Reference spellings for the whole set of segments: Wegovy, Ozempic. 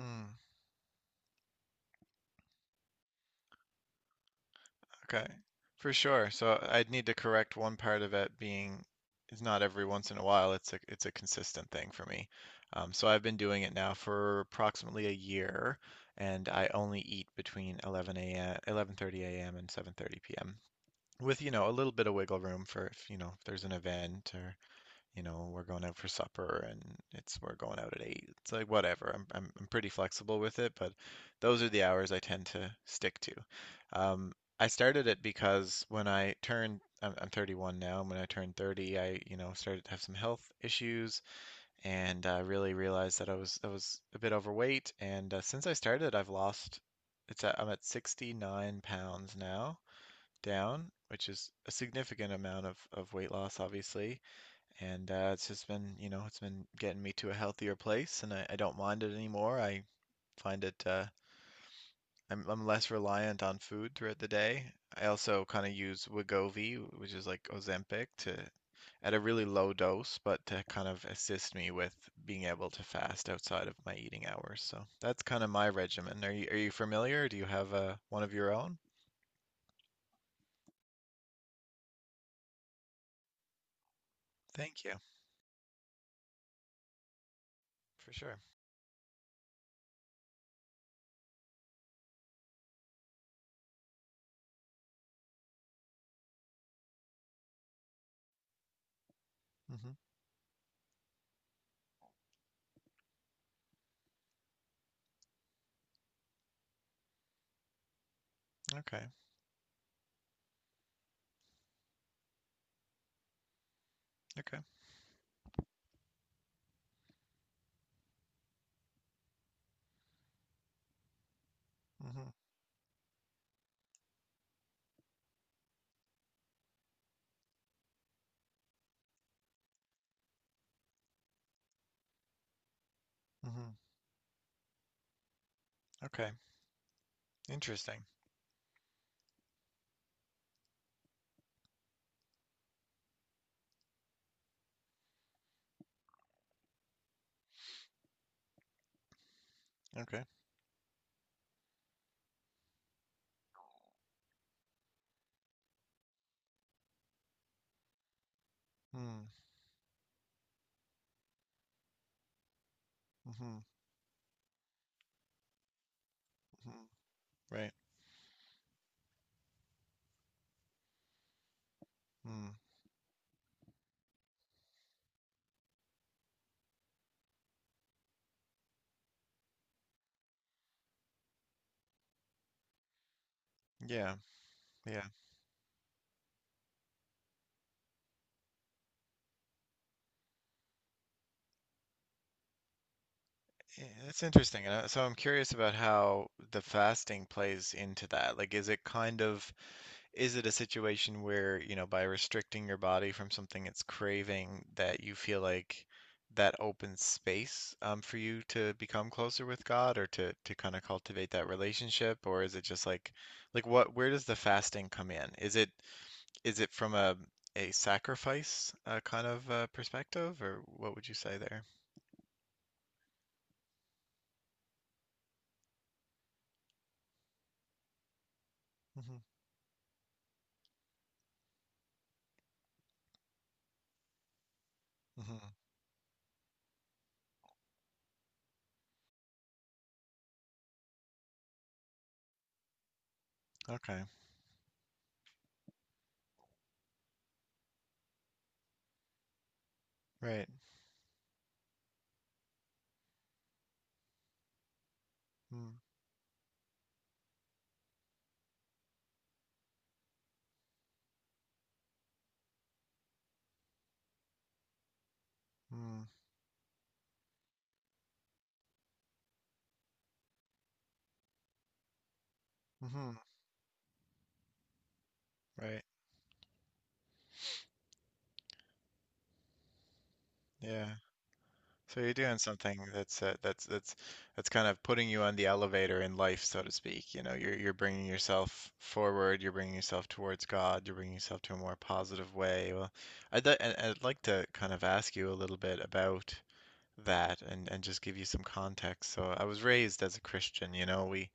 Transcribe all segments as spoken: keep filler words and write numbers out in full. Mm, okay, for sure. So I'd need to correct one part of it being it's not every once in a while. It's a it's a consistent thing for me. Um, so I've been doing it now for approximately a year, and I only eat between eleven a m eleven thirty a m and seven thirty p m with you know a little bit of wiggle room for, if you know if there's an event, or you know we're going out for supper, and it's we're going out at eight, it's like whatever, I'm I'm, I'm pretty flexible with it, but those are the hours I tend to stick to. um I started it because when I turned I'm, I'm thirty-one now, and when I turned thirty I you know started to have some health issues, and uh, really realized that I was I was a bit overweight. And uh, since I started, I've lost, it's at, I'm at sixty-nine pounds now down, which is a significant amount of, of weight loss, obviously. And uh, it's just been, you know, it's been getting me to a healthier place, and I, I don't mind it anymore. I find it, uh, I'm, I'm less reliant on food throughout the day. I also kind of use Wegovy, which is like Ozempic, to at a really low dose, but to kind of assist me with being able to fast outside of my eating hours. So that's kind of my regimen. Are you are you familiar? Do you have a one of your own? Thank you, for sure. Hmm. Okay, okay. Mm-hmm. Mm-hmm. Okay. Interesting. Okay. Mm. Mm-hmm. Mm-hmm. Right. Mm. Yeah. Yeah. I- That's interesting. And I- so I'm curious about how the fasting plays into that. Like, is it kind of, is it a situation where, you know, by restricting your body from something it's craving, that you feel like that opens space, um, for you to become closer with God, or to, to kind of cultivate that relationship? Or is it just like, like what, where does the fasting come in? Is it, Is it from a a sacrifice, uh, kind of, uh, perspective, or what would you say there? Hmm. Hmm. Okay. Right. Mm, mm. Hmm. Right. Yeah. So you're doing something that's, uh, that's that's that's kind of putting you on the elevator in life, so to speak. You know, you're you're bringing yourself forward. You're bringing yourself towards God. You're bringing yourself to a more positive way. Well, I'd li- and I'd like to kind of ask you a little bit about that, and and just give you some context. So I was raised as a Christian. you know, we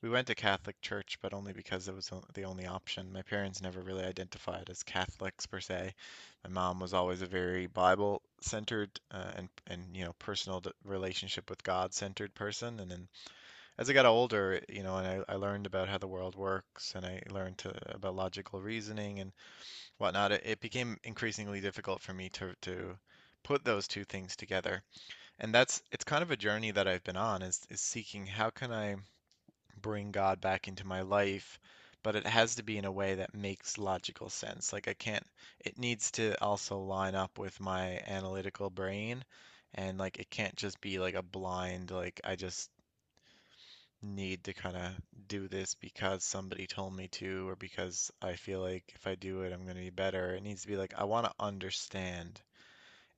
we went to Catholic church, but only because it was o- the only option. My parents never really identified as Catholics per se. My mom was always a very Bible centered, uh, and and you know personal, d- relationship with God centered person. And then as I got older, you know, and I, I learned about how the world works, and I learned, to, about logical reasoning and whatnot. It, it became increasingly difficult for me to to put those two things together, and that's it's kind of a journey that I've been on, is is seeking how can I bring God back into my life, but it has to be in a way that makes logical sense. Like, I can't it needs to also line up with my analytical brain, and like, it can't just be like a blind, like I just need to kind of do this because somebody told me to, or because I feel like if I do it I'm going to be better. It needs to be like I want to understand.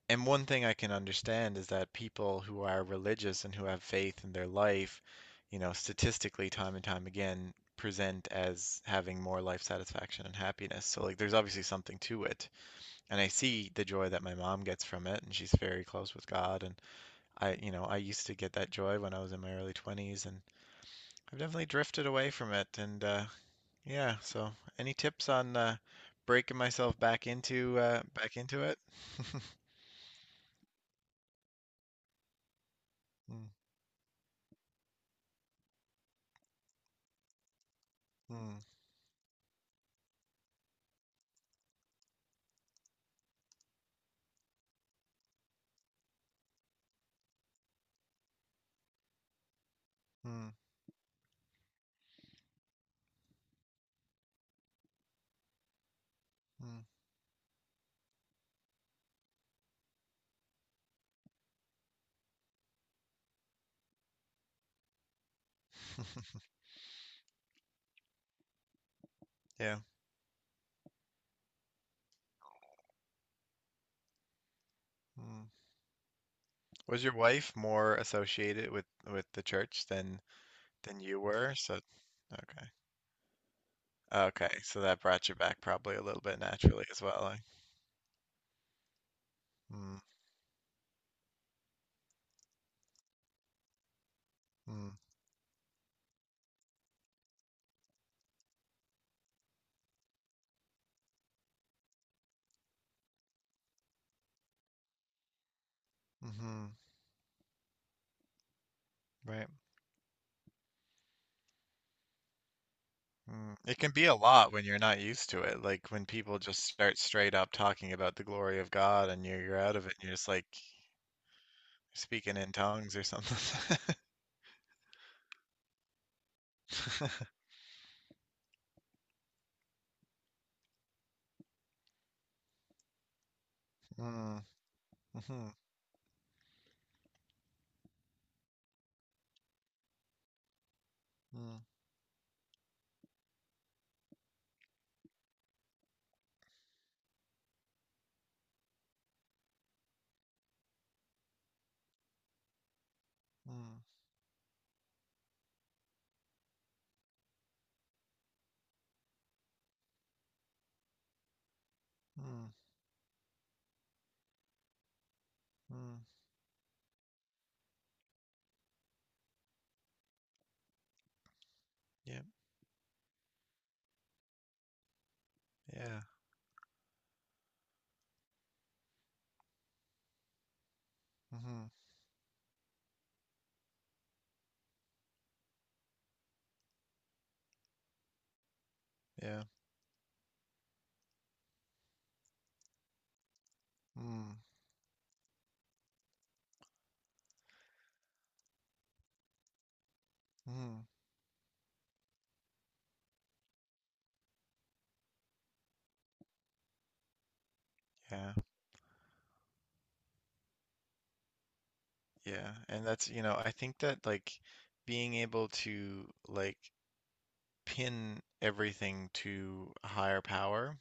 And one thing I can understand is that people who are religious and who have faith in their life, you know, statistically, time and time again, present as having more life satisfaction and happiness. So, like, there's obviously something to it. And I see the joy that my mom gets from it, and she's very close with God. And I, you know, I used to get that joy when I was in my early twenties, and I've definitely drifted away from it. And uh, yeah, so any tips on, uh, breaking myself back into uh, back into it? Mm, mm, mm. Mm. Yeah. Mm. Was your wife more associated with with the church than than you were? So, okay. Okay, so that brought you back probably a little bit naturally as well. Like, mm, mm, mm-hmm, right. Mm. It can be a lot when you're not used to it. Like when people just start straight up talking about the glory of God and you're you're out of it and you're just like speaking in tongues or something. Mm, mm-hmm, mm, mm, mm, mm. Yep, yeah. Mm-hmm. Yeah. Mm, mm, yeah, yeah. And that's, you know, I think that, like, being able to, like, pin everything to a higher power,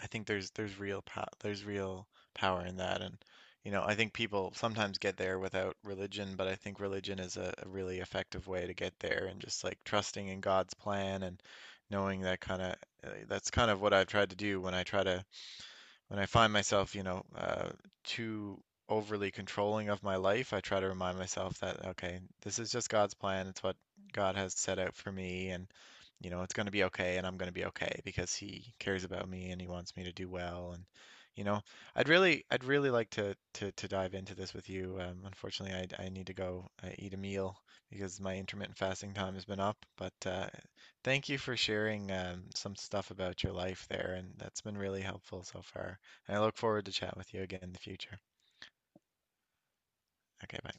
I think there's there's real pow there's real power in that. And you know, I think people sometimes get there without religion, but I think religion is a, a really effective way to get there, and just like trusting in God's plan and knowing that kind of, uh, that's kind of what I've tried to do when I try to when I find myself, you know, uh, too overly controlling of my life. I try to remind myself that, okay, this is just God's plan. It's what God has set out for me. And, you know, it's going to be okay. And I'm going to be okay because He cares about me and He wants me to do well. And, you know, I'd really, I'd really like to, to, to dive into this with you. Um, unfortunately, I, I need to go, uh, eat a meal, because my intermittent fasting time has been up. But uh, thank you for sharing, um, some stuff about your life there. And that's been really helpful so far. I look forward to chat with you again in the future. Okay, bye.